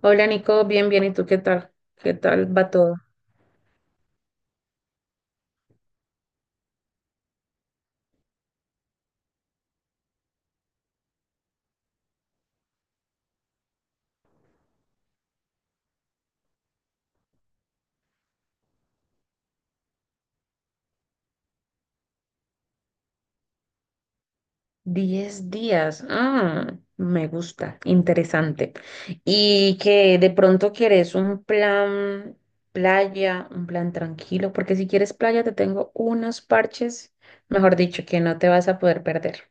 Hola Nico, bien, bien, ¿y tú qué tal? ¿Qué tal va todo? 10 días, ah, me gusta, interesante. Y que de pronto quieres un plan playa, un plan tranquilo, porque si quieres playa te tengo unos parches, mejor dicho, que no te vas a poder perder.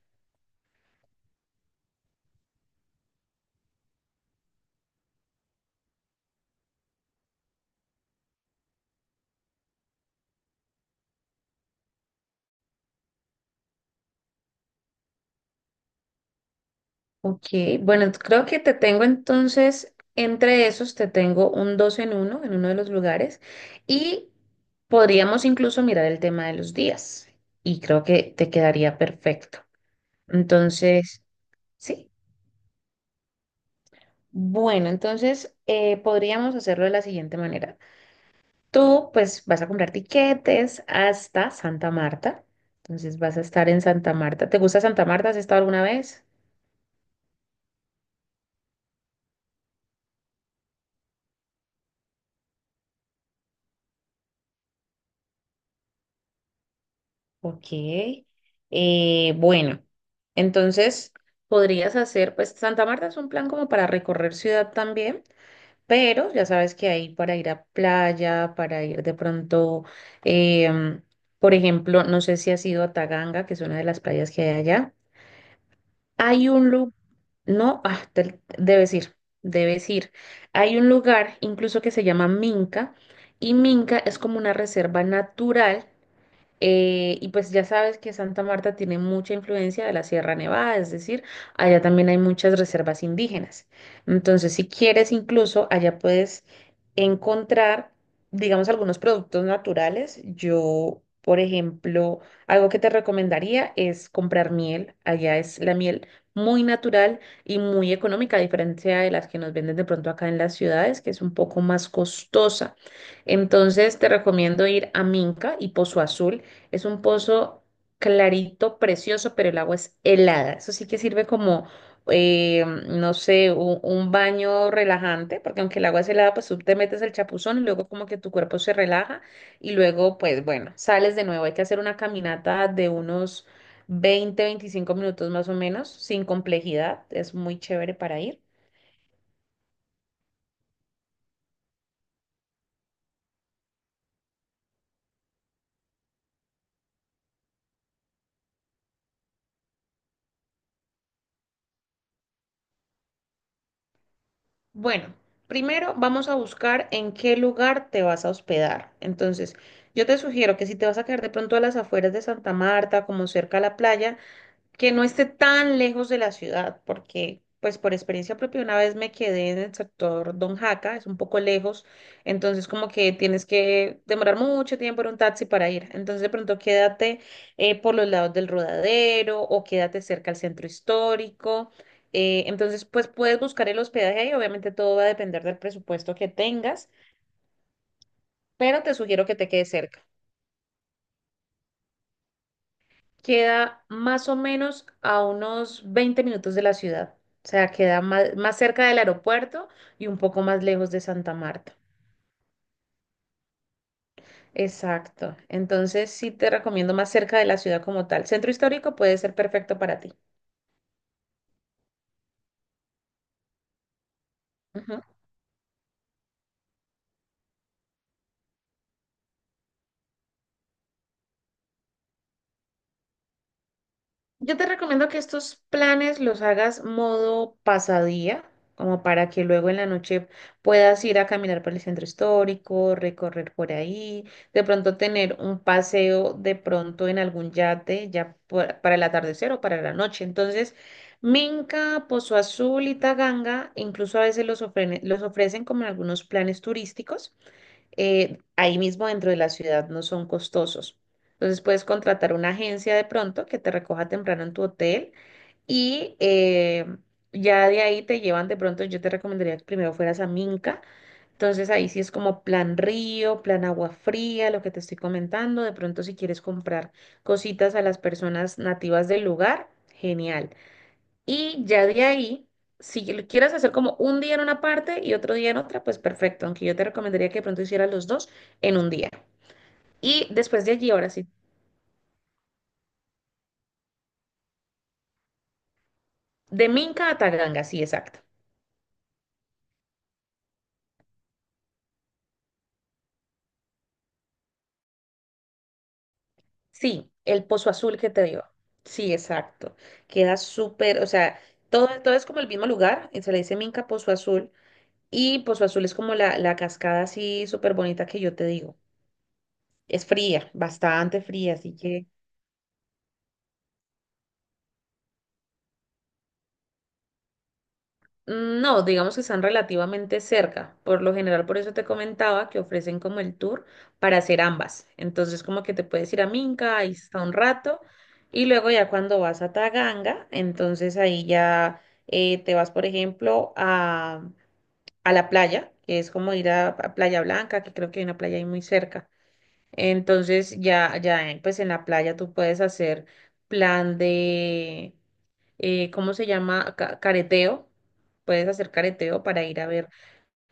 Ok, bueno, creo que te tengo entonces, entre esos te tengo un dos en uno de los lugares y podríamos incluso mirar el tema de los días y creo que te quedaría perfecto. Entonces, sí, bueno, entonces podríamos hacerlo de la siguiente manera. Tú pues vas a comprar tiquetes hasta Santa Marta, entonces vas a estar en Santa Marta. ¿Te gusta Santa Marta? ¿Has estado alguna vez? Ok. Bueno, entonces podrías hacer, pues Santa Marta es un plan como para recorrer ciudad también, pero ya sabes que hay para ir a playa, para ir de pronto, em, por ejemplo, no sé si has ido a Taganga, que es una de las playas que hay allá. Hay un lugar, no, ah, debes ir, debes ir. Hay un lugar incluso que se llama Minca y Minca es como una reserva natural. Y pues ya sabes que Santa Marta tiene mucha influencia de la Sierra Nevada, es decir, allá también hay muchas reservas indígenas. Entonces, si quieres, incluso allá puedes encontrar, digamos, algunos productos naturales. Yo, por ejemplo, algo que te recomendaría es comprar miel. Allá es la miel muy natural y muy económica, a diferencia de las que nos venden de pronto acá en las ciudades, que es un poco más costosa. Entonces, te recomiendo ir a Minca y Pozo Azul es un pozo clarito, precioso, pero el agua es helada. Eso sí que sirve como, no sé, un baño relajante, porque aunque el agua es helada, pues tú te metes el chapuzón y luego como que tu cuerpo se relaja y luego, pues bueno, sales de nuevo. Hay que hacer una caminata de unos 20 25 minutos más o menos, sin complejidad. Es muy chévere para ir. Bueno, primero vamos a buscar en qué lugar te vas a hospedar. Entonces, yo te sugiero que si te vas a quedar de pronto a las afueras de Santa Marta, como cerca a la playa, que no esté tan lejos de la ciudad, porque pues por experiencia propia una vez me quedé en el sector Don Jaca, es un poco lejos, entonces como que tienes que demorar mucho tiempo en un taxi para ir, entonces de pronto quédate por los lados del Rodadero o quédate cerca al centro histórico, entonces pues puedes buscar el hospedaje ahí, obviamente todo va a depender del presupuesto que tengas, pero te sugiero que te quedes cerca. Queda más o menos a unos 20 minutos de la ciudad. O sea, queda más, más cerca del aeropuerto y un poco más lejos de Santa Marta. Exacto. Entonces sí te recomiendo más cerca de la ciudad como tal. Centro histórico puede ser perfecto para ti. Ujú. Yo te recomiendo que estos planes los hagas modo pasadía, como para que luego en la noche puedas ir a caminar por el centro histórico, recorrer por ahí, de pronto tener un paseo de pronto en algún yate, ya para el atardecer o para la noche. Entonces, Minca, Pozo Azul y Taganga, incluso a veces los ofrecen como en algunos planes turísticos, ahí mismo dentro de la ciudad no son costosos. Entonces puedes contratar una agencia de pronto que te recoja temprano en tu hotel y ya de ahí te llevan de pronto, yo te recomendaría que primero fueras a Minca, entonces ahí sí es como plan río, plan agua fría, lo que te estoy comentando, de pronto si quieres comprar cositas a las personas nativas del lugar, genial. Y ya de ahí, si lo quieres hacer como un día en una parte y otro día en otra, pues perfecto, aunque yo te recomendaría que de pronto hicieras los dos en un día. Y después de allí, ahora sí, de Minca a Taganga, sí, exacto. Sí, el Pozo Azul que te digo. Sí, exacto. Queda súper, o sea, todo, todo es como el mismo lugar, y se le dice Minca Pozo Azul, y Pozo Azul es como la cascada así súper bonita que yo te digo. Es fría, bastante fría, así que... Mm, no, digamos que están relativamente cerca. Por lo general, por eso te comentaba que ofrecen como el tour para hacer ambas. Entonces, como que te puedes ir a Minca, ahí está un rato, y luego ya cuando vas a Taganga, entonces ahí ya te vas, por ejemplo, a, la playa, que es como ir a Playa Blanca, que creo que hay una playa ahí muy cerca. Entonces, ya, ya, pues en la playa tú puedes hacer plan de ¿cómo se llama? Careteo. Puedes hacer careteo para ir a ver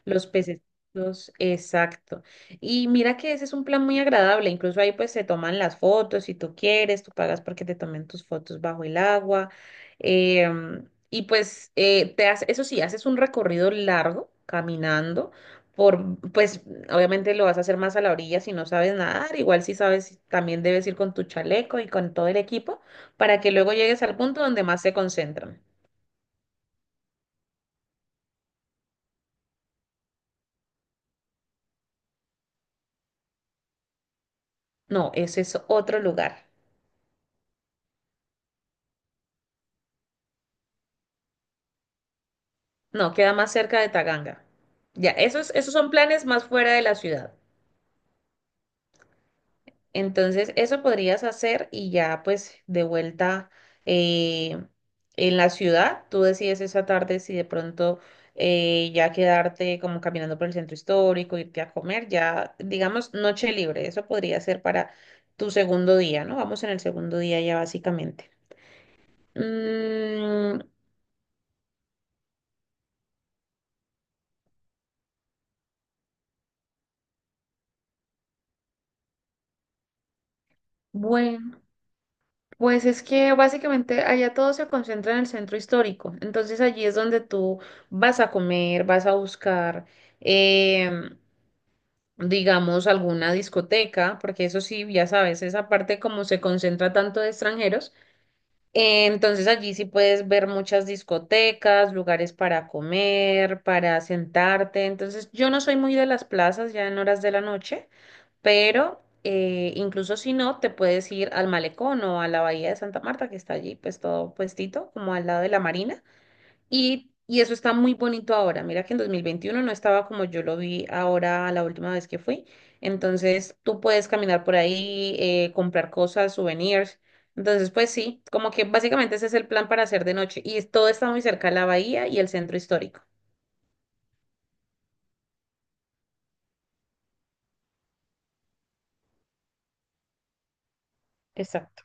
los pececitos, exacto. Y mira que ese es un plan muy agradable, incluso ahí pues se toman las fotos, si tú quieres, tú pagas porque te tomen tus fotos bajo el agua. Y pues te hace, eso sí, haces un recorrido largo caminando por, pues obviamente lo vas a hacer más a la orilla si no sabes nadar, igual si sabes, también debes ir con tu chaleco y con todo el equipo para que luego llegues al punto donde más se concentran. No, ese es otro lugar. No, queda más cerca de Taganga. Ya, esos son planes más fuera de la ciudad. Entonces, eso podrías hacer y ya pues de vuelta, eh, en la ciudad, tú decides esa tarde si de pronto ya quedarte como caminando por el centro histórico, irte a comer, ya digamos noche libre, eso podría ser para tu segundo día, ¿no? Vamos en el segundo día ya básicamente. Mm, bueno. Pues es que básicamente allá todo se concentra en el centro histórico, entonces allí es donde tú vas a comer, vas a buscar, em, digamos, alguna discoteca, porque eso sí, ya sabes, esa parte como se concentra tanto de extranjeros, entonces allí sí puedes ver muchas discotecas, lugares para comer, para sentarte, entonces yo no soy muy de las plazas ya en horas de la noche, pero incluso si no, te puedes ir al malecón o a la bahía de Santa Marta, que está allí, pues todo puestito, como al lado de la marina, y eso está muy bonito ahora. Mira que en 2021 no estaba como yo lo vi ahora la última vez que fui, entonces tú puedes caminar por ahí, comprar cosas, souvenirs. Entonces, pues sí, como que básicamente ese es el plan para hacer de noche y todo está muy cerca de la bahía y el centro histórico. Exacto.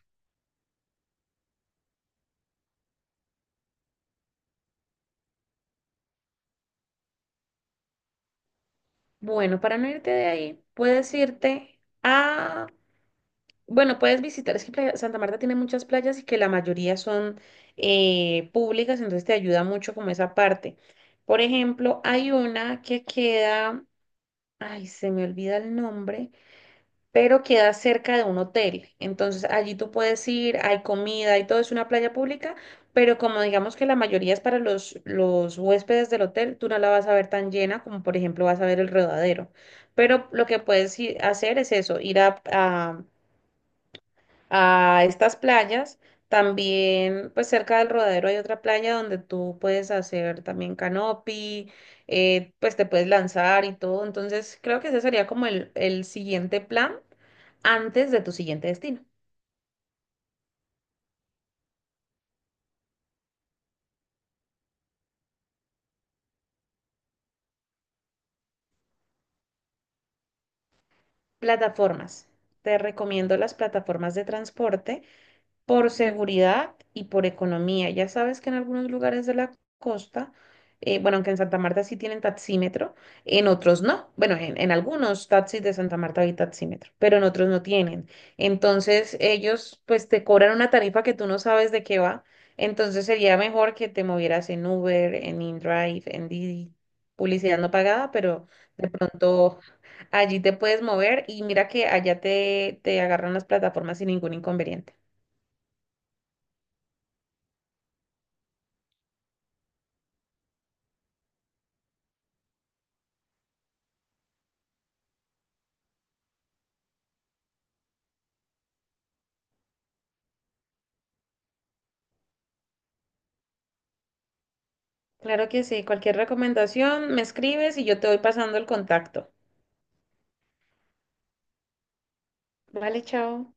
Bueno, para no irte de ahí, puedes irte a, bueno, puedes visitar, es que Santa Marta tiene muchas playas y que la mayoría son públicas, entonces te ayuda mucho como esa parte. Por ejemplo, hay una que queda, ay, se me olvida el nombre, pero queda cerca de un hotel. Entonces allí tú puedes ir, hay comida y todo, es una playa pública, pero como digamos que la mayoría es para los huéspedes del hotel, tú no la vas a ver tan llena como por ejemplo vas a ver el Rodadero. Pero lo que puedes hacer es eso, ir a estas playas. También, pues cerca del Rodadero hay otra playa donde tú puedes hacer también canopy, pues te puedes lanzar y todo. Entonces, creo que ese sería como el siguiente plan antes de tu siguiente destino. Plataformas. Te recomiendo las plataformas de transporte. Por seguridad y por economía. Ya sabes que en algunos lugares de la costa, bueno, aunque en Santa Marta sí tienen taxímetro, en otros no. Bueno, en algunos taxis de Santa Marta hay taxímetro, pero en otros no tienen. Entonces ellos pues te cobran una tarifa que tú no sabes de qué va. Entonces sería mejor que te movieras en Uber, en InDrive, en Didi, publicidad no pagada, pero de pronto allí te puedes mover y mira que allá te, agarran las plataformas sin ningún inconveniente. Claro que sí. Cualquier recomendación me escribes y yo te voy pasando el contacto. Vale, chao.